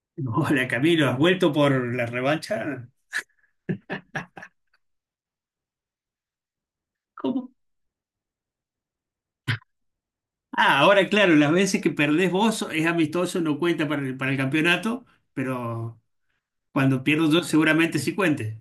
Hola Camilo, ¿has vuelto por la revancha? ¿Cómo? Ah, ahora claro, las veces que perdés vos es amistoso, no cuenta para el campeonato, pero cuando pierdo yo seguramente sí cuente.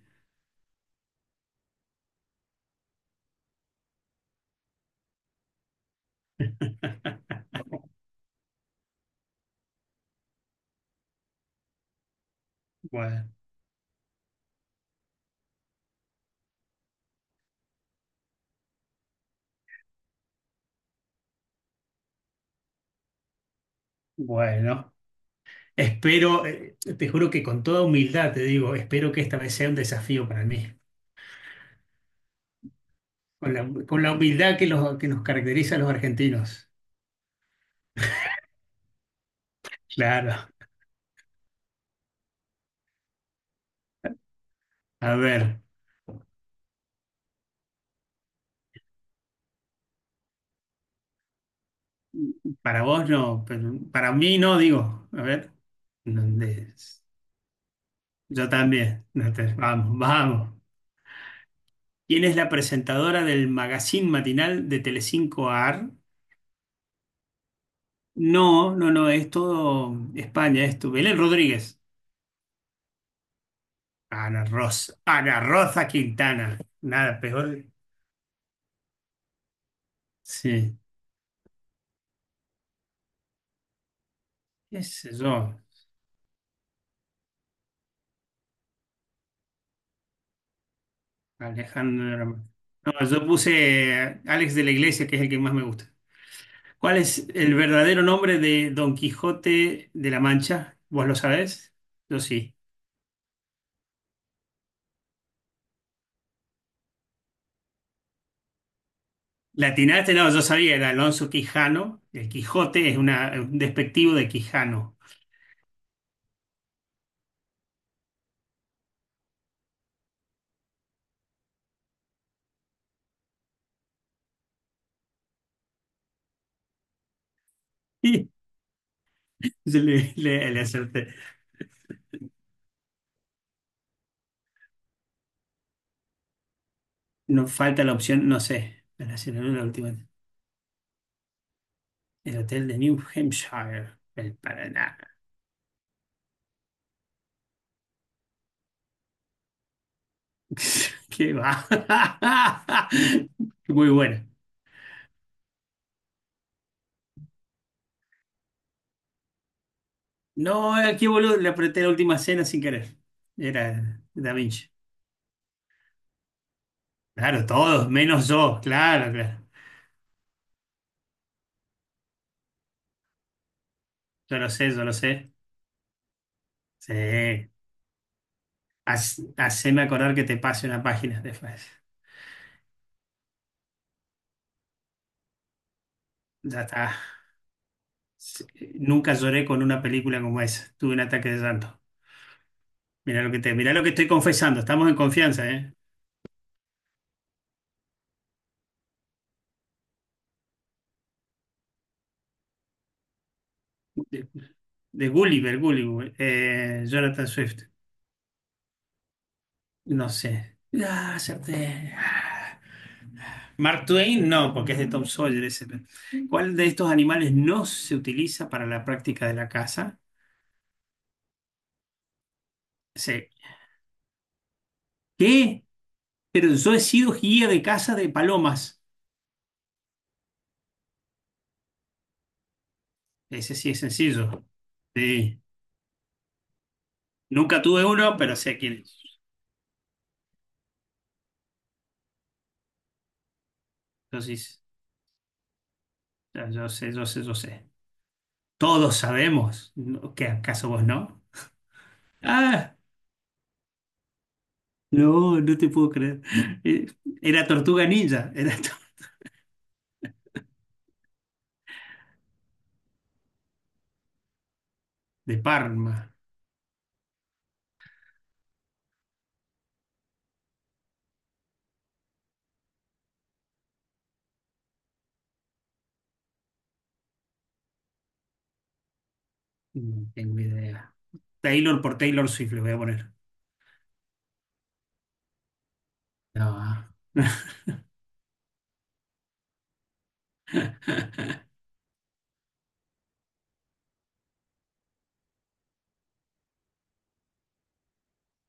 Bueno, bueno, espero, te juro que con toda humildad te digo, espero que esta vez sea un desafío para mí, con la humildad que nos caracteriza a los argentinos. Claro, a ver, para vos no, pero para mí no, digo, a ver, ¿dónde es? Yo también. No te- Vamos, vamos. ¿Quién es la presentadora del magazine matinal de Telecinco AR? No, no, no, es todo España, es tu Belén Rodríguez. Ana Rosa, Ana Rosa Quintana. Nada peor. Sí, qué sé yo, Alejandra. No, yo puse Alex de la Iglesia, que es el que más me gusta. ¿Cuál es el verdadero nombre de Don Quijote de la Mancha? ¿Vos lo sabés? Yo sí. La atinaste, no, yo sabía, era Alonso Quijano. El Quijote es un despectivo de Quijano. Y yo le acerté. No falta la opción, no sé. Para hacer la última. El hotel de New Hampshire, el Paraná. Qué va. Muy buena. No, aquí boludo, le apreté la última cena sin querer. Era Da Vinci. Claro, todos, menos yo, claro, claro. Yo lo sé, yo lo sé. Sí. Haceme acordar que te pase una página después. Ya está. Sí, nunca lloré con una película como esa. Tuve un ataque de llanto. Mirá lo que estoy confesando. Estamos en confianza, ¿eh? De, de Gulliver, Gulliver. Jonathan Swift. No sé. Ah, acerté. Ah. Mark Twain, no, porque es de Tom Sawyer ese. ¿Cuál de estos animales no se utiliza para la práctica de la caza? Sí. ¿Qué? Pero yo he sido guía de caza de palomas. Ese sí es sencillo. Sí. Nunca tuve uno, pero sé quién es. Yo sí, yo sé, yo sé, yo sé. Todos sabemos, ¿no? ¿Qué acaso vos no? Ah, no, no te puedo creer. Eh, Era Tortuga Ninja, de Parma. No tengo idea. Taylor, por Taylor Swift le voy a poner. No.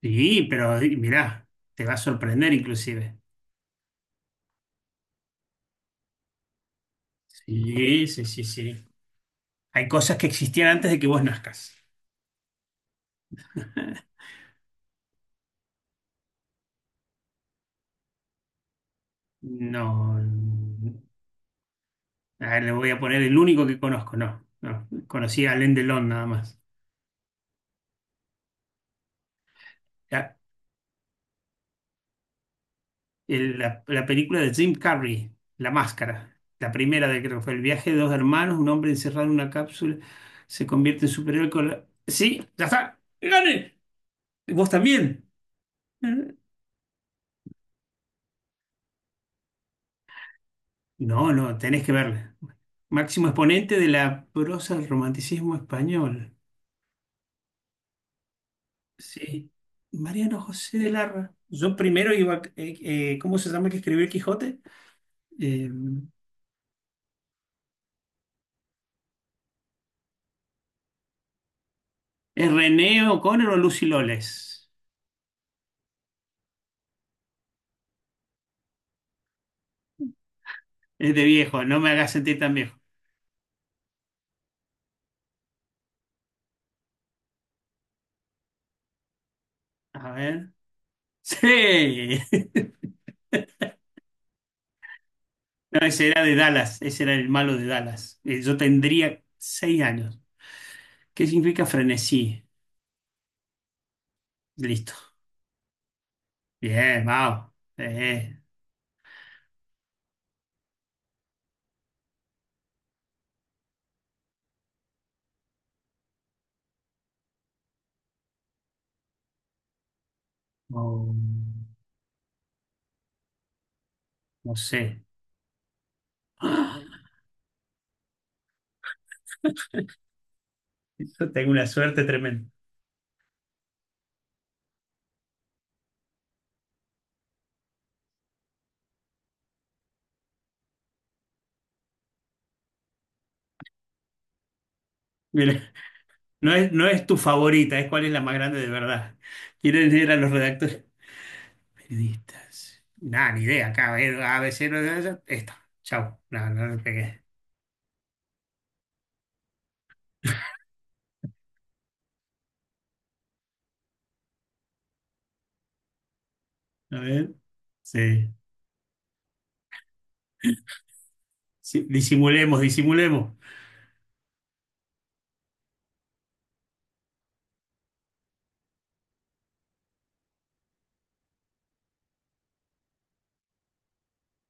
Sí, pero mirá, te va a sorprender inclusive. Sí, sí, sí, sí. Hay cosas que existían antes de que vos nazcas. No, no. Ah, le voy a poner el único que conozco, no. No, conocí a Alain Delon nada más. La, la película de Jim Carrey, La Máscara, la primera, de creo que fue El viaje de dos hermanos, un hombre encerrado en una cápsula se convierte en superhéroe con la- Sí, ya está, gane. ¿Vos también? Eh, No, no, tenés que verla. Máximo exponente de la prosa del romanticismo español. Sí. Mariano José de Larra. Yo primero iba, ¿cómo se llama el que escribió el Quijote? Eh, ¿Es René O'Connor o Lucy Loles? Es de viejo, no me hagas sentir tan viejo. A ver. Sí. No, ese era de Dallas, ese era el malo de Dallas. Yo tendría seis años. ¿Qué significa frenesí? Listo. Bien, wow. No, no sé. ¡Ah! Yo tengo una suerte tremenda. Mira, no es, no es tu favorita, es cuál es la más grande de verdad. ¿Quiénes eran los redactores? Periodistas. Nada, ni idea. Acá, a ver, ABC, no, no, no, esta. Chau. No, no le pegué. A ver. Sí. Sí, disimulemos, disimulemos.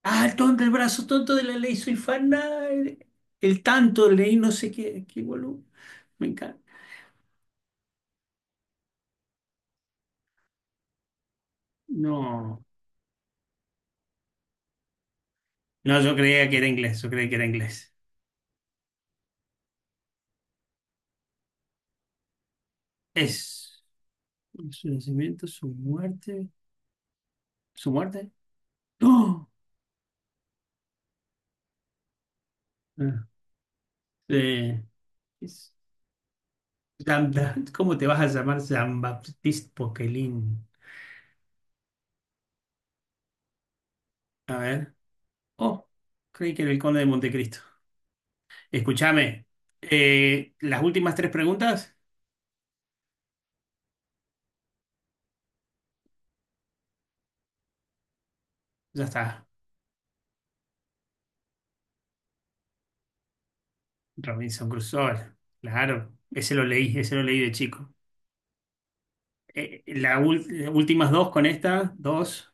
Ah, el tonto, el brazo tonto de la ley, soy fan. El tanto, leí no sé qué, qué boludo. Me encanta. No. No, yo creía que era inglés, yo creía que era inglés. Es su nacimiento, su muerte. ¿Su muerte? No. Ah, eh, es- Jean- ¿Cómo te vas a llamar Jean-Baptiste Poquelin? A ver. Oh, creí que era el Conde de Montecristo. Escúchame. Eh, las últimas tres preguntas. Ya está. Robinson Crusoe. Claro. Ese lo leí de chico. Las últimas dos con esta, dos.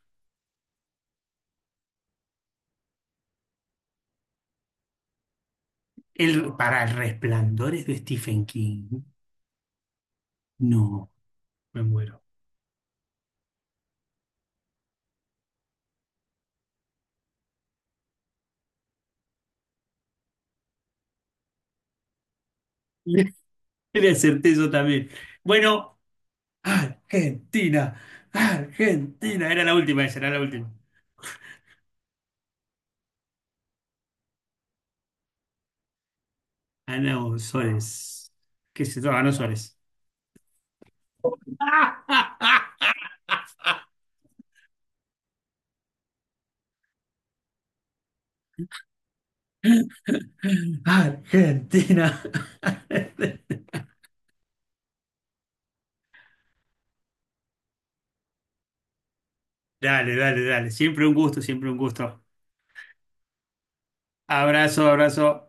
El, para el resplandor de Stephen King. No, me muero. Le acerté yo también. Bueno, Argentina. Argentina. Era la última, esa era la última. Ana Osores. ¿Qué se llama? Ana Osores. Argentina. Dale, dale, dale. Siempre un gusto, siempre un gusto. Abrazo, abrazo.